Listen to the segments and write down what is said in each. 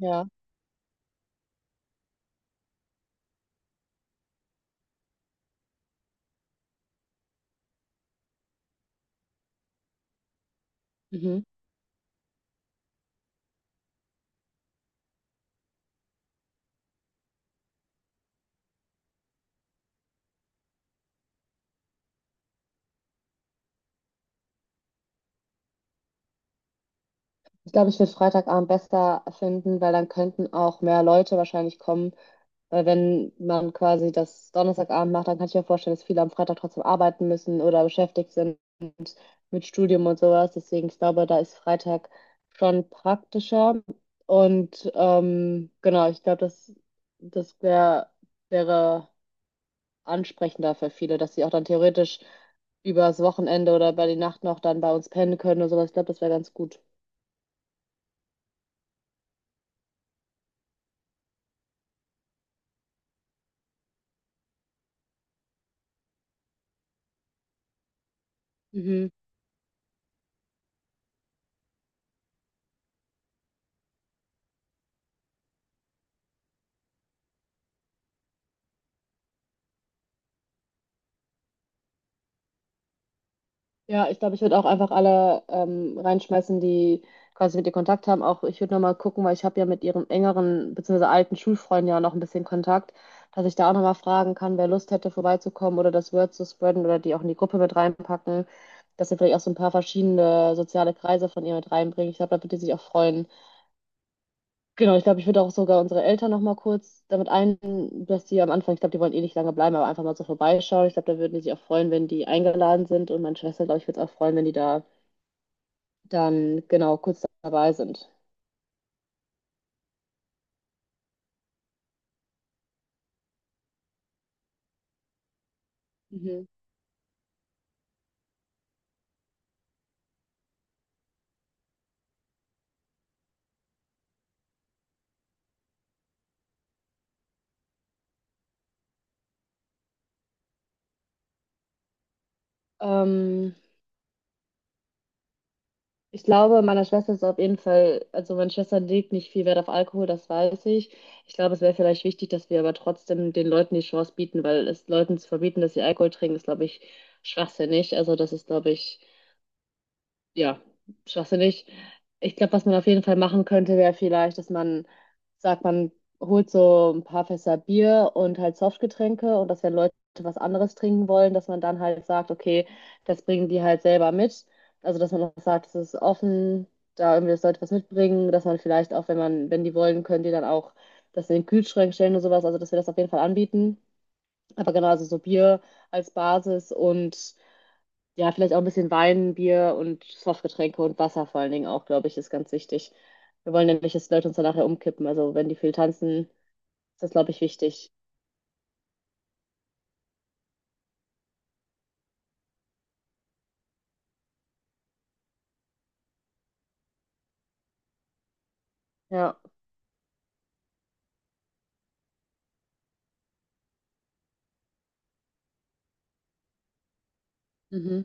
Ja. Mhm. Ich glaube, ich würde Freitagabend besser finden, weil dann könnten auch mehr Leute wahrscheinlich kommen. Weil wenn man quasi das Donnerstagabend macht, dann kann ich mir vorstellen, dass viele am Freitag trotzdem arbeiten müssen oder beschäftigt sind mit Studium und sowas. Deswegen, ich glaube, da ist Freitag schon praktischer. Und genau, ich glaube, das wär, wäre ansprechender für viele, dass sie auch dann theoretisch übers Wochenende oder über die Nacht noch dann bei uns pennen können oder sowas. Ich glaube, das wäre ganz gut. Mhm. Ja, ich glaube, ich würde auch einfach alle reinschmeißen, die quasi mit ihr Kontakt haben. Auch ich würde nochmal gucken, weil ich habe ja mit ihrem engeren bzw. alten Schulfreund ja noch ein bisschen Kontakt, dass ich da auch nochmal fragen kann, wer Lust hätte, vorbeizukommen oder das Word zu spreaden oder die auch in die Gruppe mit reinpacken, dass wir vielleicht auch so ein paar verschiedene soziale Kreise von ihr mit reinbringen. Ich glaube, da wird die sich auch freuen. Genau, ich glaube, ich würde auch sogar unsere Eltern nochmal kurz damit ein, dass die am Anfang, ich glaube, die wollen eh nicht lange bleiben, aber einfach mal so vorbeischauen. Ich glaube, da würden die sich auch freuen, wenn die eingeladen sind und meine Schwester, glaube ich, würde es auch freuen, wenn die da dann genau kurz dabei sind. Mhm. Ähm, Ich glaube, meiner Schwester ist auf jeden Fall, also meine Schwester legt nicht viel Wert auf Alkohol, das weiß ich. Ich glaube, es wäre vielleicht wichtig, dass wir aber trotzdem den Leuten die Chance bieten, weil es Leuten zu verbieten, dass sie Alkohol trinken, ist, glaube ich, schwachsinnig. Also das ist, glaube ich, ja, schwachsinnig. Ich glaube, was man auf jeden Fall machen könnte, wäre vielleicht, dass man sagt, man holt so ein paar Fässer Bier und halt Softgetränke und dass wenn Leute was anderes trinken wollen, dass man dann halt sagt, okay, das bringen die halt selber mit. Also, dass man auch sagt, es ist offen, da irgendwie, dass Leute was mitbringen, dass man vielleicht auch, wenn die wollen, können die dann auch das in den Kühlschrank stellen und sowas. Also, dass wir das auf jeden Fall anbieten. Aber genau, also so Bier als Basis und ja, vielleicht auch ein bisschen Wein, Bier und Softgetränke und Wasser vor allen Dingen auch, glaube ich, ist ganz wichtig. Wir wollen ja nicht, dass die Leute uns dann nachher umkippen. Also wenn die viel tanzen, ist das, glaube ich, wichtig. Ja. Mhm.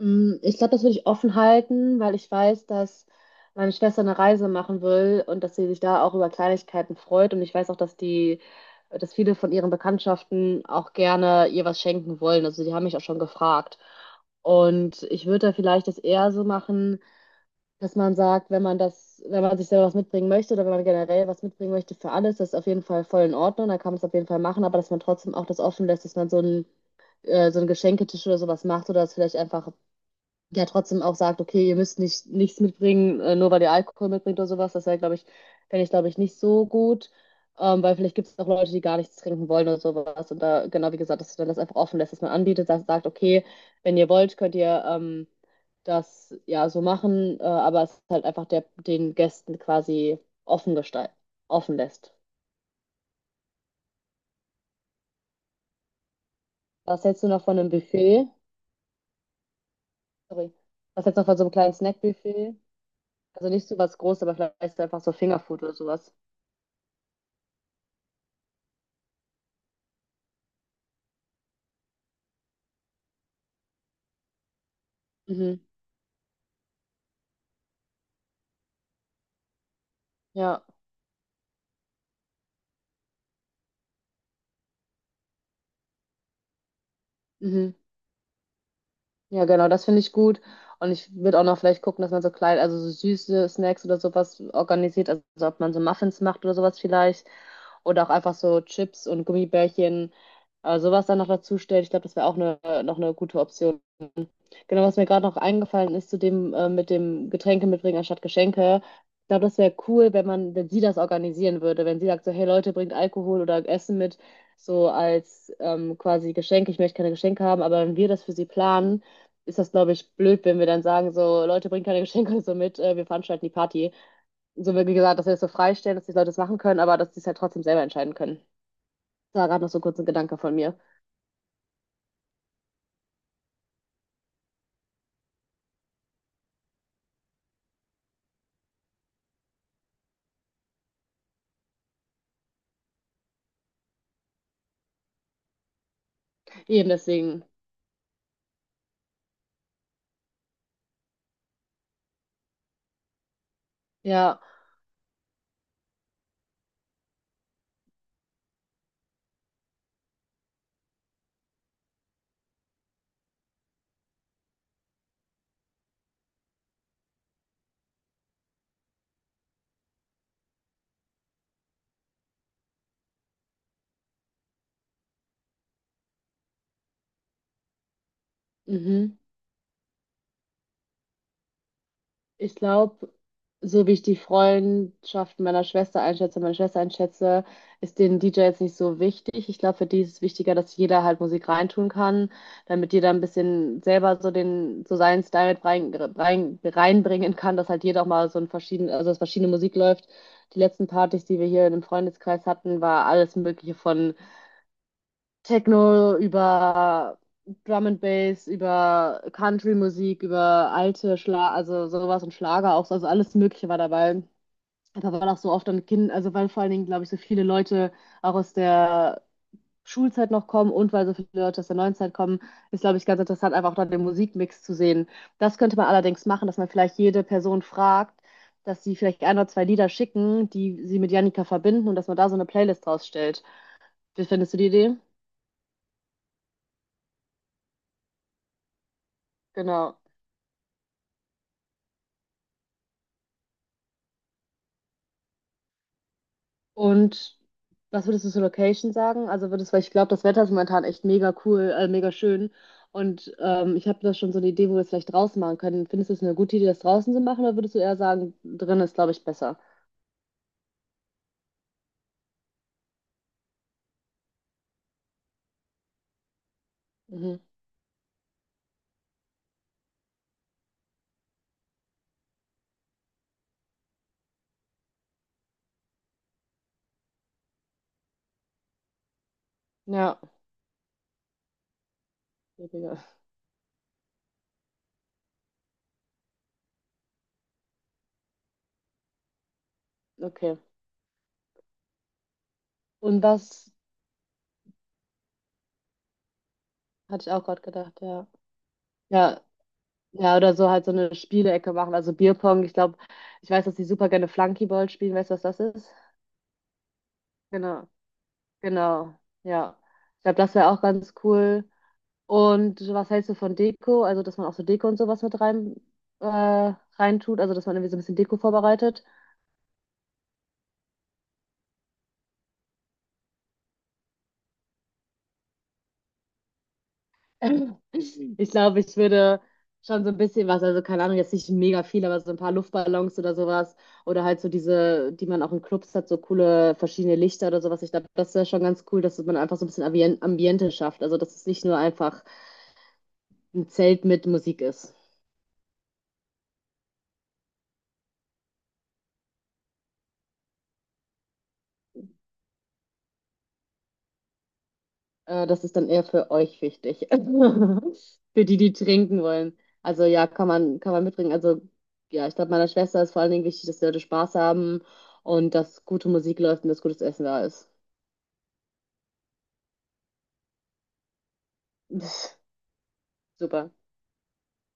Mm, ich glaube, das würde ich offen halten, weil ich weiß, dass meine Schwester eine Reise machen will und dass sie sich da auch über Kleinigkeiten freut. Und ich weiß auch, dass viele von ihren Bekanntschaften auch gerne ihr was schenken wollen. Also die haben mich auch schon gefragt. Und ich würde da vielleicht das eher so machen, dass man sagt, wenn man sich selber was mitbringen möchte oder wenn man generell was mitbringen möchte für alles, das ist auf jeden Fall voll in Ordnung, da kann man es auf jeden Fall machen, aber dass man trotzdem auch das offen lässt, dass man so einen Geschenketisch oder sowas macht oder das vielleicht einfach der trotzdem auch sagt, okay, ihr müsst nicht nichts mitbringen, nur weil ihr Alkohol mitbringt oder sowas. Das wäre, glaube ich, fände ich, glaube ich, nicht so gut. Weil vielleicht gibt es auch Leute, die gar nichts trinken wollen oder sowas. Und da, genau wie gesagt, dass man das einfach offen lässt, dass man anbietet, dass sagt, okay, wenn ihr wollt, könnt ihr das ja so machen, aber es halt einfach der, den Gästen quasi offen gestalten, offen lässt. Was hältst du noch von einem Buffet? Sorry. Was hältst du noch von so einem kleinen Snackbuffet? Also nicht so was Großes, aber vielleicht einfach so Fingerfood oder sowas. Mhm. Ja, mhm. Ja, genau, das finde ich gut. Und ich würde auch noch vielleicht gucken, dass man so klein, also so süße Snacks oder sowas organisiert. Also ob man so Muffins macht oder sowas vielleicht. Oder auch einfach so Chips und Gummibärchen, sowas dann noch dazu stellt. Ich glaube, das wäre auch eine, noch eine gute Option. Genau, was mir gerade noch eingefallen ist zu dem mit dem Getränke mitbringen anstatt Geschenke. Ich glaube, das wäre cool, wenn sie das organisieren würde, wenn sie sagt so, hey Leute, bringt Alkohol oder Essen mit, so als quasi Geschenk. Ich möchte keine Geschenke haben, aber wenn wir das für sie planen, ist das, glaube ich, blöd, wenn wir dann sagen so, Leute, bringt keine Geschenke so mit, wir veranstalten die Party. So wie gesagt, dass wir das so freistellen, dass die Leute das machen können, aber dass sie es halt trotzdem selber entscheiden können. Das war gerade noch so kurz ein Gedanke von mir. Eben deswegen, ja. Mhm. Ich glaube, so wie ich die Freundschaft meiner Schwester einschätze, meine Schwester einschätze, ist den DJ jetzt nicht so wichtig. Ich glaube, für die ist es wichtiger, dass jeder halt Musik reintun kann, damit jeder ein bisschen selber so so seinen Style mit reinbringen kann, dass halt jeder auch mal so ein verschieden, also dass verschiedene Musik läuft. Die letzten Partys, die wir hier in dem Freundeskreis hatten, war alles Mögliche von Techno, über Drum and Bass, über Country-Musik, über alte Schla also sowas und Schlager auch, also alles Mögliche war dabei. Einfach weil auch so oft dann Kind, also weil vor allen Dingen, glaube ich, so viele Leute auch aus der Schulzeit noch kommen und weil so viele Leute aus der neuen Zeit kommen, ist, glaube ich, ganz interessant, einfach auch dann den Musikmix zu sehen. Das könnte man allerdings machen, dass man vielleicht jede Person fragt, dass sie vielleicht ein oder zwei Lieder schicken, die sie mit Janika verbinden und dass man da so eine Playlist draus stellt. Wie findest du die Idee? Genau. Und was würdest du zur Location sagen? Also würdest, weil ich glaube, das Wetter ist momentan echt mega cool, mega schön. Und ich habe da schon so eine Idee, wo wir es vielleicht draußen machen können. Findest du es eine gute Idee, das draußen zu machen, oder würdest du eher sagen, drin ist, glaube ich, besser? Mhm. Ja. Weniger. Okay. Und was hatte ich auch gerade gedacht, ja. Ja, ja, oder so halt so eine Spielecke machen, also Bierpong. Ich glaube, ich weiß, dass die super gerne Flunkyball spielen. Weißt du, was das ist? Genau, genau, ja. Ich glaube, das wäre auch ganz cool. Und so was hältst du von Deko? Also, dass man auch so Deko und sowas mit äh, reintut, also dass man irgendwie so ein bisschen Deko vorbereitet. Ich glaube, ich würde schon so ein bisschen was, also keine Ahnung, jetzt nicht mega viel, aber so ein paar Luftballons oder sowas. Oder halt so diese, die man auch in Clubs hat, so coole verschiedene Lichter oder sowas. Ich glaube, das wäre schon ganz cool, dass man einfach so ein bisschen Ambiente schafft. Also, dass es nicht nur einfach ein Zelt mit Musik ist. Das ist dann eher für euch wichtig. Für die, die trinken wollen. Also ja, kann man mitbringen. Also ja, ich glaube, meiner Schwester ist vor allen Dingen wichtig, dass die Leute Spaß haben und dass gute Musik läuft und dass gutes Essen da ist. Pff, super.